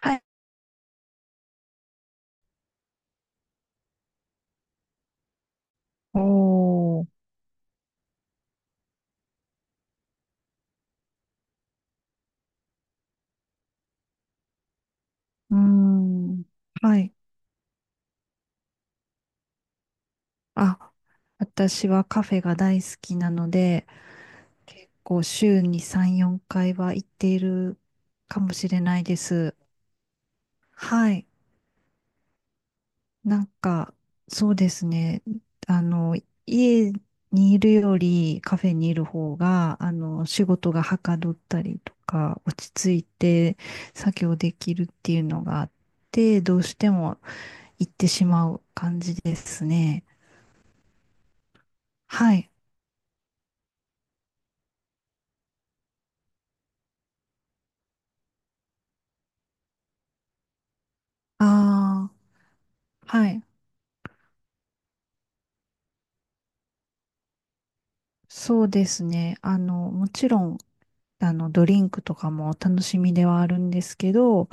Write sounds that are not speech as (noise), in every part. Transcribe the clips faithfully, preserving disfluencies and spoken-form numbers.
はい。おー、うーん。はい。あ、私はカフェが大好きなので、結構週にさん、よんかいは行っているかもしれないです。はい。なんか、そうですね。あの、家にいるよりカフェにいる方が、あの、仕事がはかどったりとか、落ち着いて作業できるっていうのがあって、どうしても行ってしまう感じですね。はい。ああ、はい。そうですね。あの、もちろん、あの、ドリンクとかもお楽しみではあるんですけど、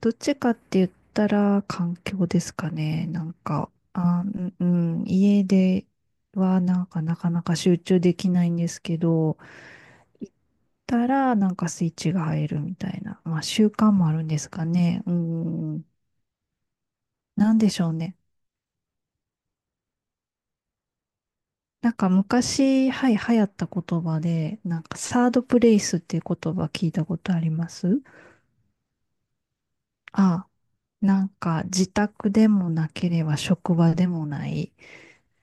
どっちかって言ったら環境ですかね。なんか、あうん、うん家ではなんかなかなか集中できないんですけど、行ったらなんかスイッチが入るみたいな、まあ習慣もあるんですかね。うん、なんでしょうね。なんか昔、はい、流行った言葉で、なんかサードプレイスっていう言葉聞いたことあります。あ、なんか自宅でもなければ職場でもない、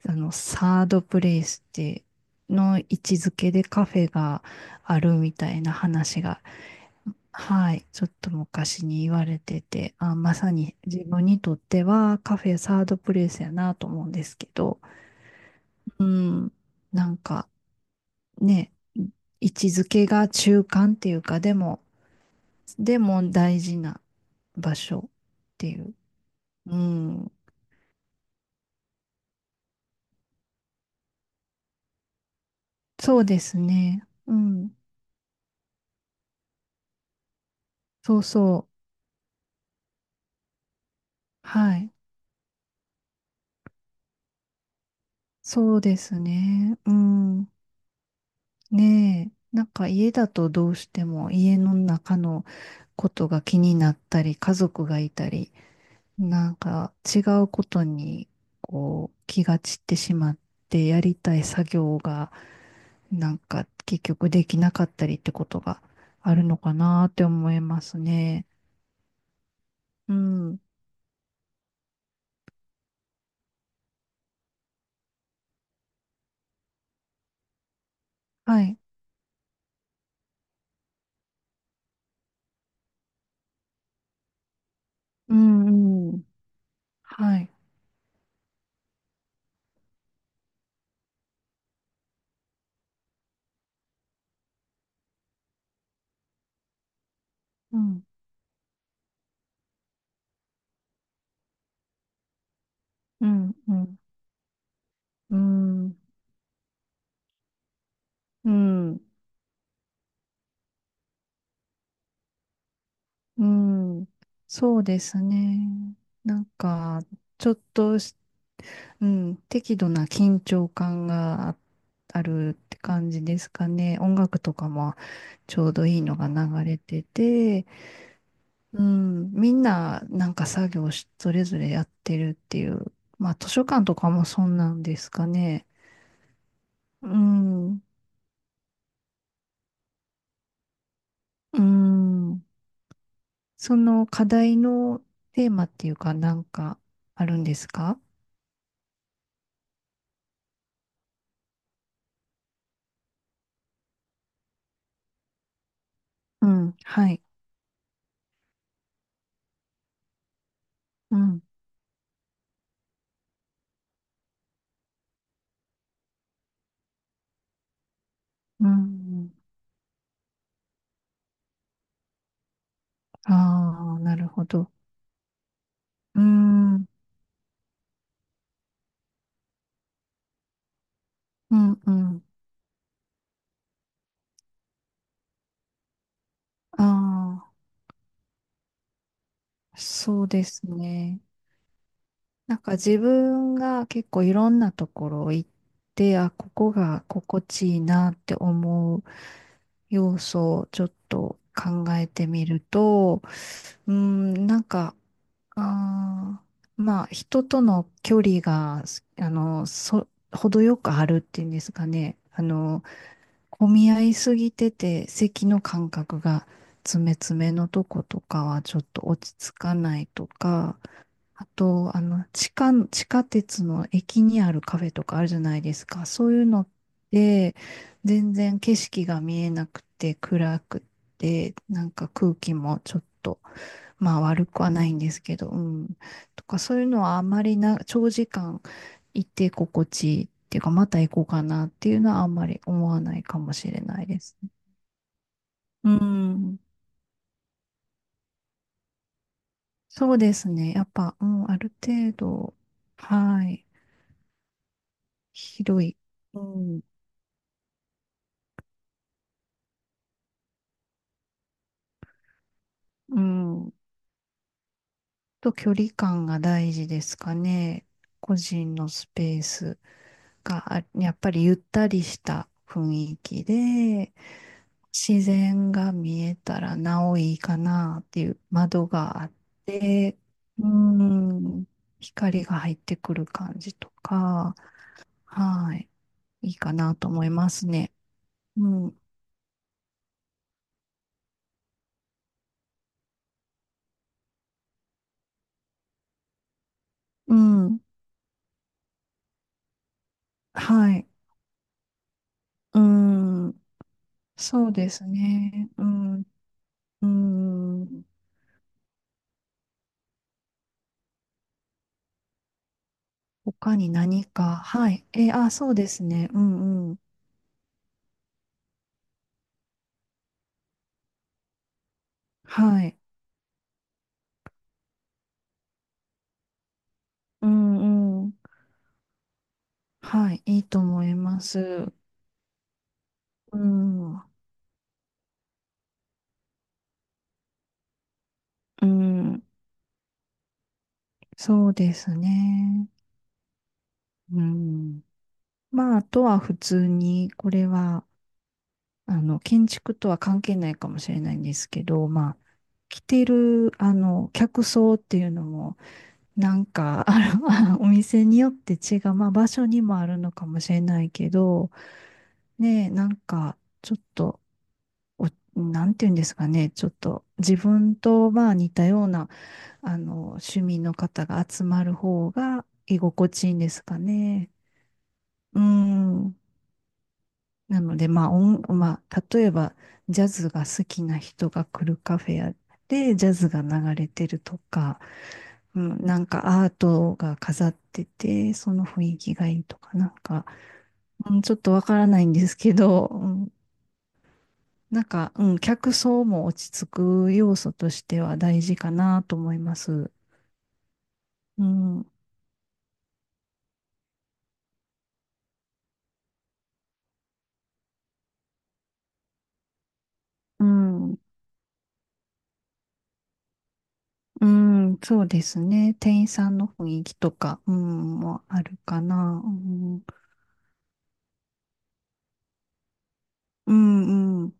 あの、サードプレイスっての位置づけでカフェがあるみたいな話が、はい、ちょっと昔に言われてて、あ、まさに自分にとってはカフェサードプレイスやなと思うんですけど、うん。なんか、ね、位置づけが中間っていうか、でも、でも大事な場所っていう。うん。そうですね。うん。そうそう。はい。そうですね。うん。ねえ。なんか家だとどうしても家の中のことが気になったり、家族がいたり、なんか違うことにこう気が散ってしまってやりたい作業がなんか結局できなかったりってことがあるのかなって思いますね。うん。はい。うん、うん。はい。うん、うん、うん。うん、うん、うん。そうですね。なんか、ちょっとし、うん、適度な緊張感があ、あるって感じですかね。音楽とかもちょうどいいのが流れてて、うん、みんななんか作業し、それぞれやってるっていう。まあ図書館とかもそんなんですかね。うん、うん。その課題のテーマっていうかなんかあるんですか。うん、はい。うん、うん。ああ、なるほど。うん、うん、うん。ああ、そうですね。なんか自分が結構いろんなところ行って、あ、ここが心地いいなって思う要素をちょっと考えてみると、うーん、なんか、あーまあ、人との距離が、あの、そ、程よくあるっていうんですかね。あの、混み合いすぎてて、席の間隔が詰め詰めのとことかはちょっと落ち着かないとか、あと、あの、地下、地下鉄の駅にあるカフェとかあるじゃないですか。そういうのって、全然景色が見えなくて、暗くて、なんか空気もちょっと、まあ悪くはないんですけど、うん。とか、そういうのはあんまりな、長時間行って心地いいっていうか、また行こうかなっていうのはあんまり思わないかもしれないですね。うん。そうですね。やっぱ、うん、ある程度、はい。広い。うんうん。と、距離感が大事ですかね。個人のスペースが、あやっぱりゆったりした雰囲気で、自然が見えたらなおいいかなっていう窓があって、うん、光が入ってくる感じとか、はい、いいかなと思いますね。うん、うん、はい、うん、そうですね。うん、うん。他に何か、はい。えーあ、そうですね。うんうん。はい。うんうん。はい。いいと思います。うん。うん。そうですね。うん。まあ、あとは普通に、これは、あの、建築とは関係ないかもしれないんですけど、まあ、着てる、あの、客層っていうのも、なんか、(laughs) あの、(laughs) お店によって違う、まあ、場所にもあるのかもしれないけど、ねえ、なんか、ちょっと、お、なんていうんですかね、ちょっと自分とまあ似たような、あの、趣味の方が集まる方が居心地いいんですかね。うん。なので、まあ、音、まあ、例えば、ジャズが好きな人が来るカフェやで、ジャズが流れてるとか、うん、なんかアートが飾ってて、その雰囲気がいいとか、なんか、うん、ちょっとわからないんですけど、うなんか、うん、客層も落ち着く要素としては大事かなと思います。うん、うん、うん、そうですね。店員さんの雰囲気とか、うん、もあるかな。うん、うん、うん。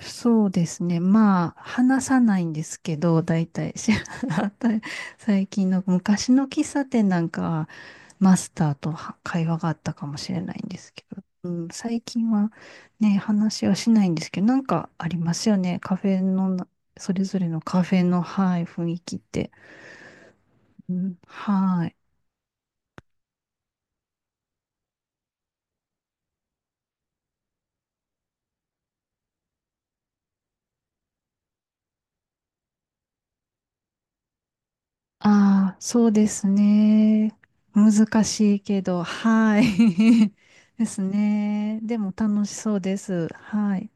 そうですね。まあ、話さないんですけど、大体、し (laughs) 最近の昔の喫茶店なんかは、マスターとは会話があったかもしれないんですけど、うん、最近はね、話はしないんですけど、なんかありますよね。カフェのな、それぞれのカフェの、はい、雰囲気って。うん、はい。ああ、そうですね。難しいけど、はい。(laughs) ですね。でも楽しそうです。はい。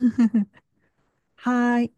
(laughs) はい。